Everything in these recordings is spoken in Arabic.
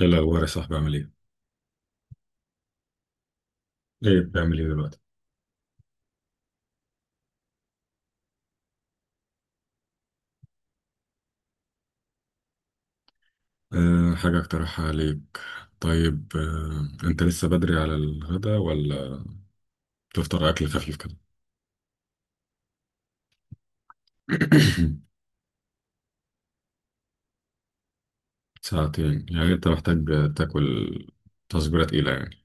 ايه الاخبار يا صاحبي، عامل ايه؟ ايه بتعمل ايه دلوقتي؟ أه، حاجه اقترحها عليك. طيب، انت لسه بدري على الغدا، ولا تفطر اكل خفيف كده؟ ساعتين، يعني انت محتاج تاكل تصبيره تقيله يعني.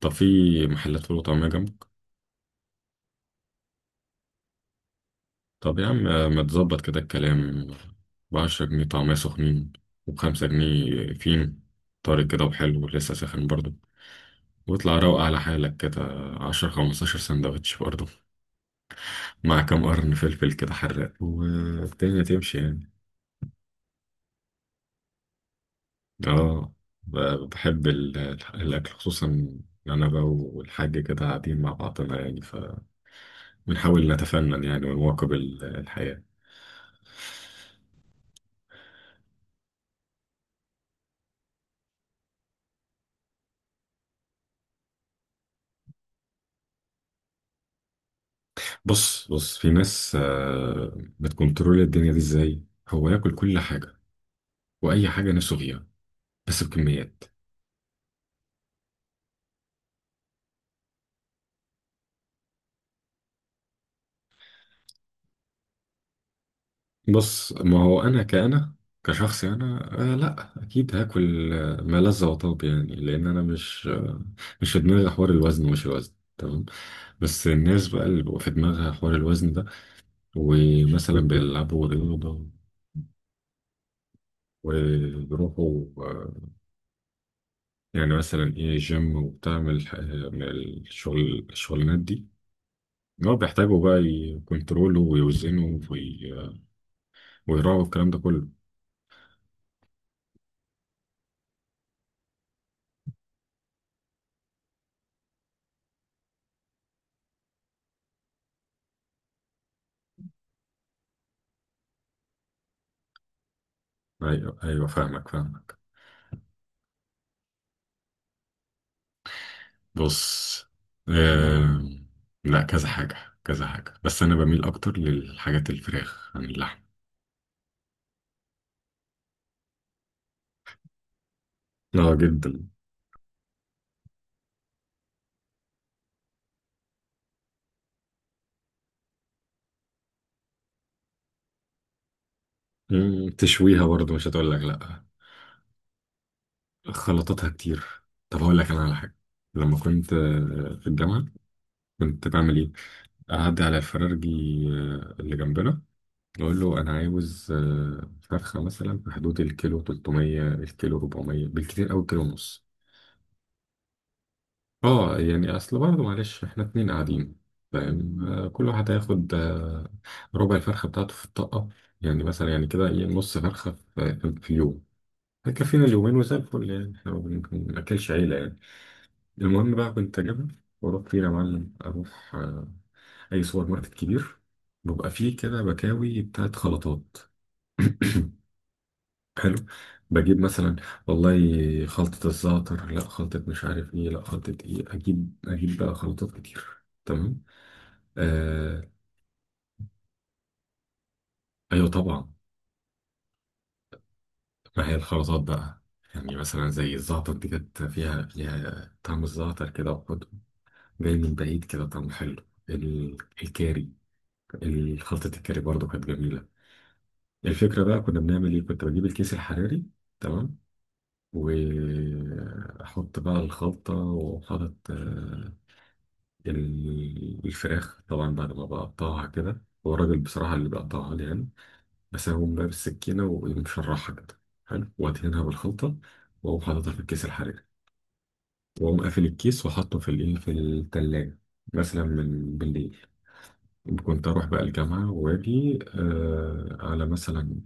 طب في محلات فول وطعميه جنبك. طب يا عم، ما تظبط كده الكلام بعشرة جنيه طعميه سخنين، وبخمسة جنيه فين طارق كده، وحلو لسه ساخن برضه. واطلع روق على حالك كده، عشر خمستاشر سندوتش برضه، مع كام قرن فلفل كده حراق، والدنيا تمشي يعني. اه، ب- بحب ال- الأكل، خصوصا إن أنا بقى والحاج كده قاعدين مع بعضنا يعني، فبنحاول نتفنن يعني ونواكب الحياة. بص بص، في ناس بتكنترول الدنيا دي ازاي، هو ياكل كل حاجة وأي حاجة نفسه فيها، بس بكميات. بص، ما هو انا كأنا كشخص، انا لا اكيد هاكل ما لذ وطاب يعني، لان انا مش في دماغي حوار الوزن، ومش الوزن تمام. بس الناس بقى اللي بيبقى في دماغها حوار الوزن ده، ومثلا بيلعبوا رياضة وبيروحوا، يعني مثلا ايه جيم، وبتعمل من الشغل الشغلانات دي. إن هو بيحتاجوا بقى يكنترولوا ويوزنوا ويراعوا الكلام ده كله. ايوه ايوه، فاهمك فاهمك. بص، آه... لا كذا حاجة، كذا حاجة، بس أنا بميل أكتر للحاجات الفراخ عن اللحم. اه جدا. مم، تشويها برضه، مش هتقول لك لا. خلطاتها كتير. طب هقول لك أنا على حاجة. لما كنت في الجامعة، كنت بعمل إيه؟ أعدي على الفرارجي اللي جنبنا، أقول له أنا عاوز فرخة مثلا في حدود الكيلو 300، الكيلو 400 بالكتير أوي، كيلو ونص. اه يعني اصل برضه، معلش احنا اتنين قاعدين فاهم، كل واحد هياخد ربع الفرخه بتاعته في الطاقه، يعني مثلا يعني كده ايه، نص فرخه في اليوم هيكفينا اليومين، وزي الفل يعني، احنا ما بناكلش عيله يعني. المهم بقى، كنت اجيبها واروح فين يا معلم؟ اروح اي سوبر ماركت كبير، بيبقى فيه كده بكاوي بتاعت خلطات. حلو، بجيب مثلا والله خلطة الزعتر، لا خلطة مش عارف ايه، لا خلطة ايه، اجيب بقى خلطات كتير. تمام. آه ايوه طبعا. ما هي الخلطات بقى. يعني مثلا زي الزعتر دي كانت فيها طعم الزعتر كده، وحده جاي من بعيد كده طعمه حلو، الكاري. خلطة الكاري برضو كانت جميلة. الفكرة بقى، كنا بنعمل ايه؟ كنت بجيب الكيس الحراري تمام، واحط بقى الخلطة، وحاطط الفراخ طبعا، بعد ما بقطعها كده، هو الراجل بصراحة اللي بيقطعها لي يعني، بس أنا بقوم بقى بالسكينة، ومشرحها كده حلو، وأدهنها بالخلطة، وأقوم حاططها في الكيس الحراري، وأقوم قافل الكيس، وأحطه في الإيه، في التلاجة، مثلا من بالليل. كنت أروح بقى الجامعة وأجي على مثلا،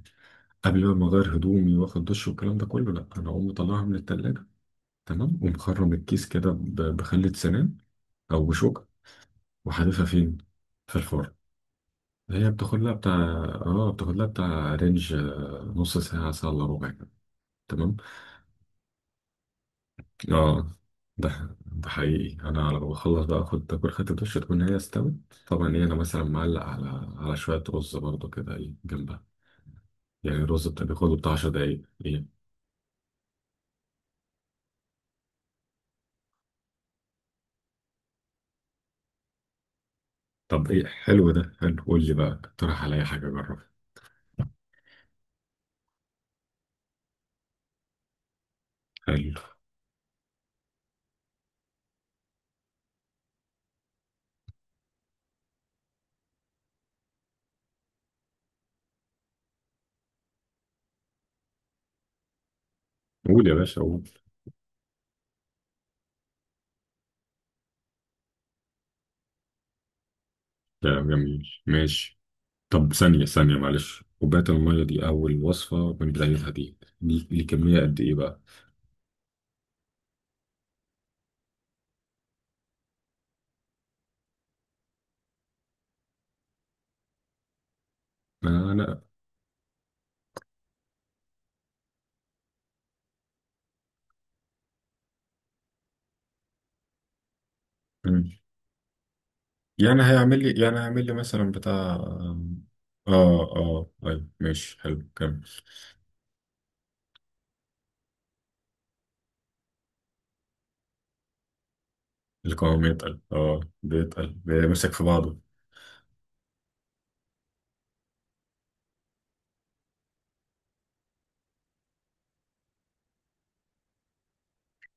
قبل بقى ما أغير هدومي وآخد دش والكلام ده كله، لأ، أنا أقوم مطلعها من التلاجة تمام، ومخرم الكيس كده بخلة سنان، أو بشوكة، وحادفها فين؟ في الفرن. هي بتاخد لها بتاع، اه بتاخد لها بتاع رينج، نص ساعة، ساعة إلا ربع كده تمام. اه، ده حقيقي، أنا على ما بخلص بقى آخد تاكل خدت دش، تكون هي استوت. طبعا إيه، أنا مثلا معلق على شوية رز برضه كده إيه جنبها، يعني الرز بتاع بياخد بتاع 10 دقايق إيه. طب إيه حلو ده، حلو قول لي بقى، اقترح عليا حاجة أجربها. حلو، قول يا باشا قول. ده جميل، ماشي. طب ثانية ثانية معلش، كوباية المية دي أول وصفة بنجهزها، دي كمية قد إيه بقى؟ لا لا. مم. يعني هيعمل لي، يعني هيعمل لي مثلا بتاع اه. اه طيب ماشي حلو، كمل. القوام يتقل، اه بيتقل، بيمسك في بعضه.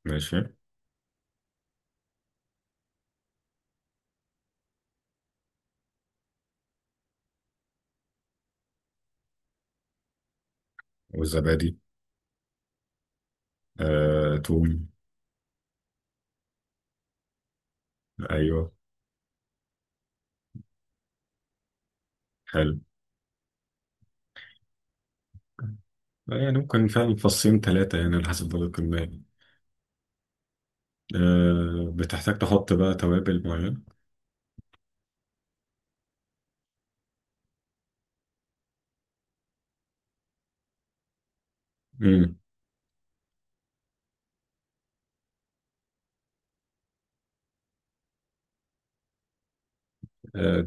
ماشي. والزبادي. توم. ايوه. حلو، يعني ممكن فعلا فصين ثلاثة يعني، على حسب برضه الكمية. آه، بتحتاج تحط بقى توابل معينة. مم. آه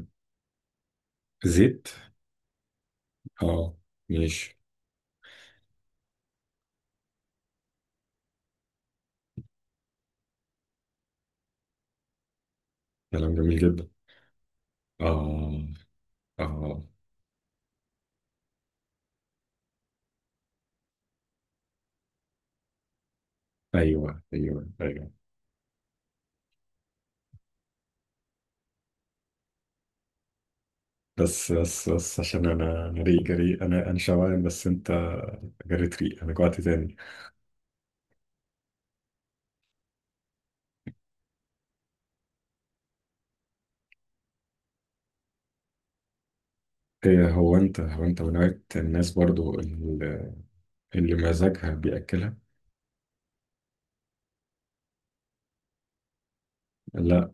زيت. اه. ماشي. كلام جميل جدا. اه. اه. ايوه ايوه ايوه. بس بس بس، عشان انا ريق جري، انا شوان، بس انت جريت ريق، انا جوعت تاني. ايه، هو انت من نوعية الناس برضو اللي، اللي مزاجها بياكلها. لا.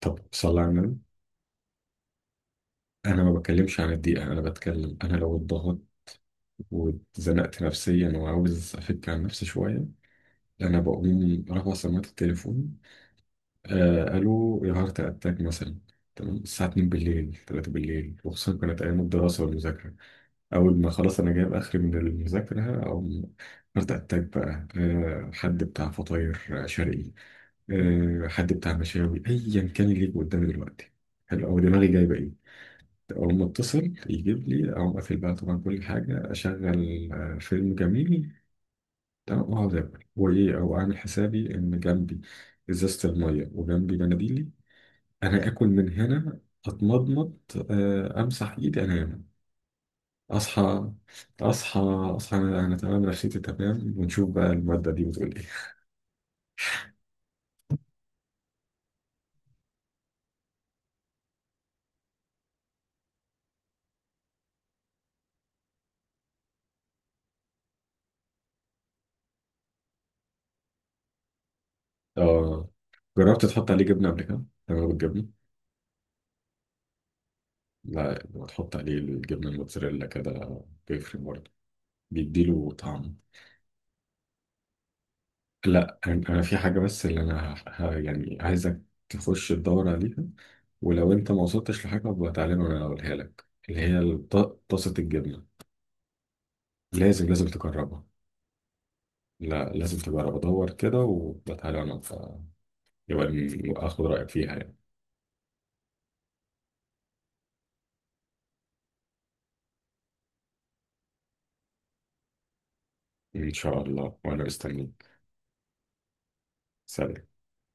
طب صلى على النبي. انا ما بتكلمش عن الدقيقة، انا بتكلم انا لو اتضغط واتزنقت نفسيا، وعاوز افك عن نفسي شوية، انا بقوم رافع سماعة التليفون، الو يا هارت اتاك مثلا، تمام، الساعة 2 بالليل، 3 بالليل، وخصوصا كانت ايام الدراسة والمذاكرة. أول ما خلاص أنا جايب آخري من المذاكرة، أو هارت أتاك بقى، حد بتاع فطاير شرقي، حد بتاع مشاوي، أيا كان اللي يجي قدامي دلوقتي حلو، أو دماغي جايبة إيه، أقوم أتصل يجيب لي، أقوم قافل بقى طبعا كل حاجة، أشغل فيلم جميل تمام، وأقعد آكل وإيه، أو أعمل حسابي إن جنبي إزازة المية، وجنبي مناديلي، أنا آكل من هنا، أتمضمض، أمسح إيدي، أنام. اصحى اصحى اصحى، انا تمام، نفسيتي تمام، ونشوف بقى المادة دي بتقول ايه. اه، جربت تحط عليه جبنة قبل كده؟ تمام بالجبنة؟ لا، وتحط عليه الجبنة الموتزاريلا كده بيفرق برضه، بيديله طعم. لا انا، أنا في حاجة بس اللي انا يعني عايزك تخش تدور عليها، ولو انت ما وصلتش لحاجة ابقى تعالى وانا اقولها لك، اللي هي طاسة الجبنة. لازم لازم تجربها. لا لازم تجربها، دور كده وتعالى، وانا يبقى اخد رايك فيها يعني. ان شاء الله، وانا مستنيك. سلام.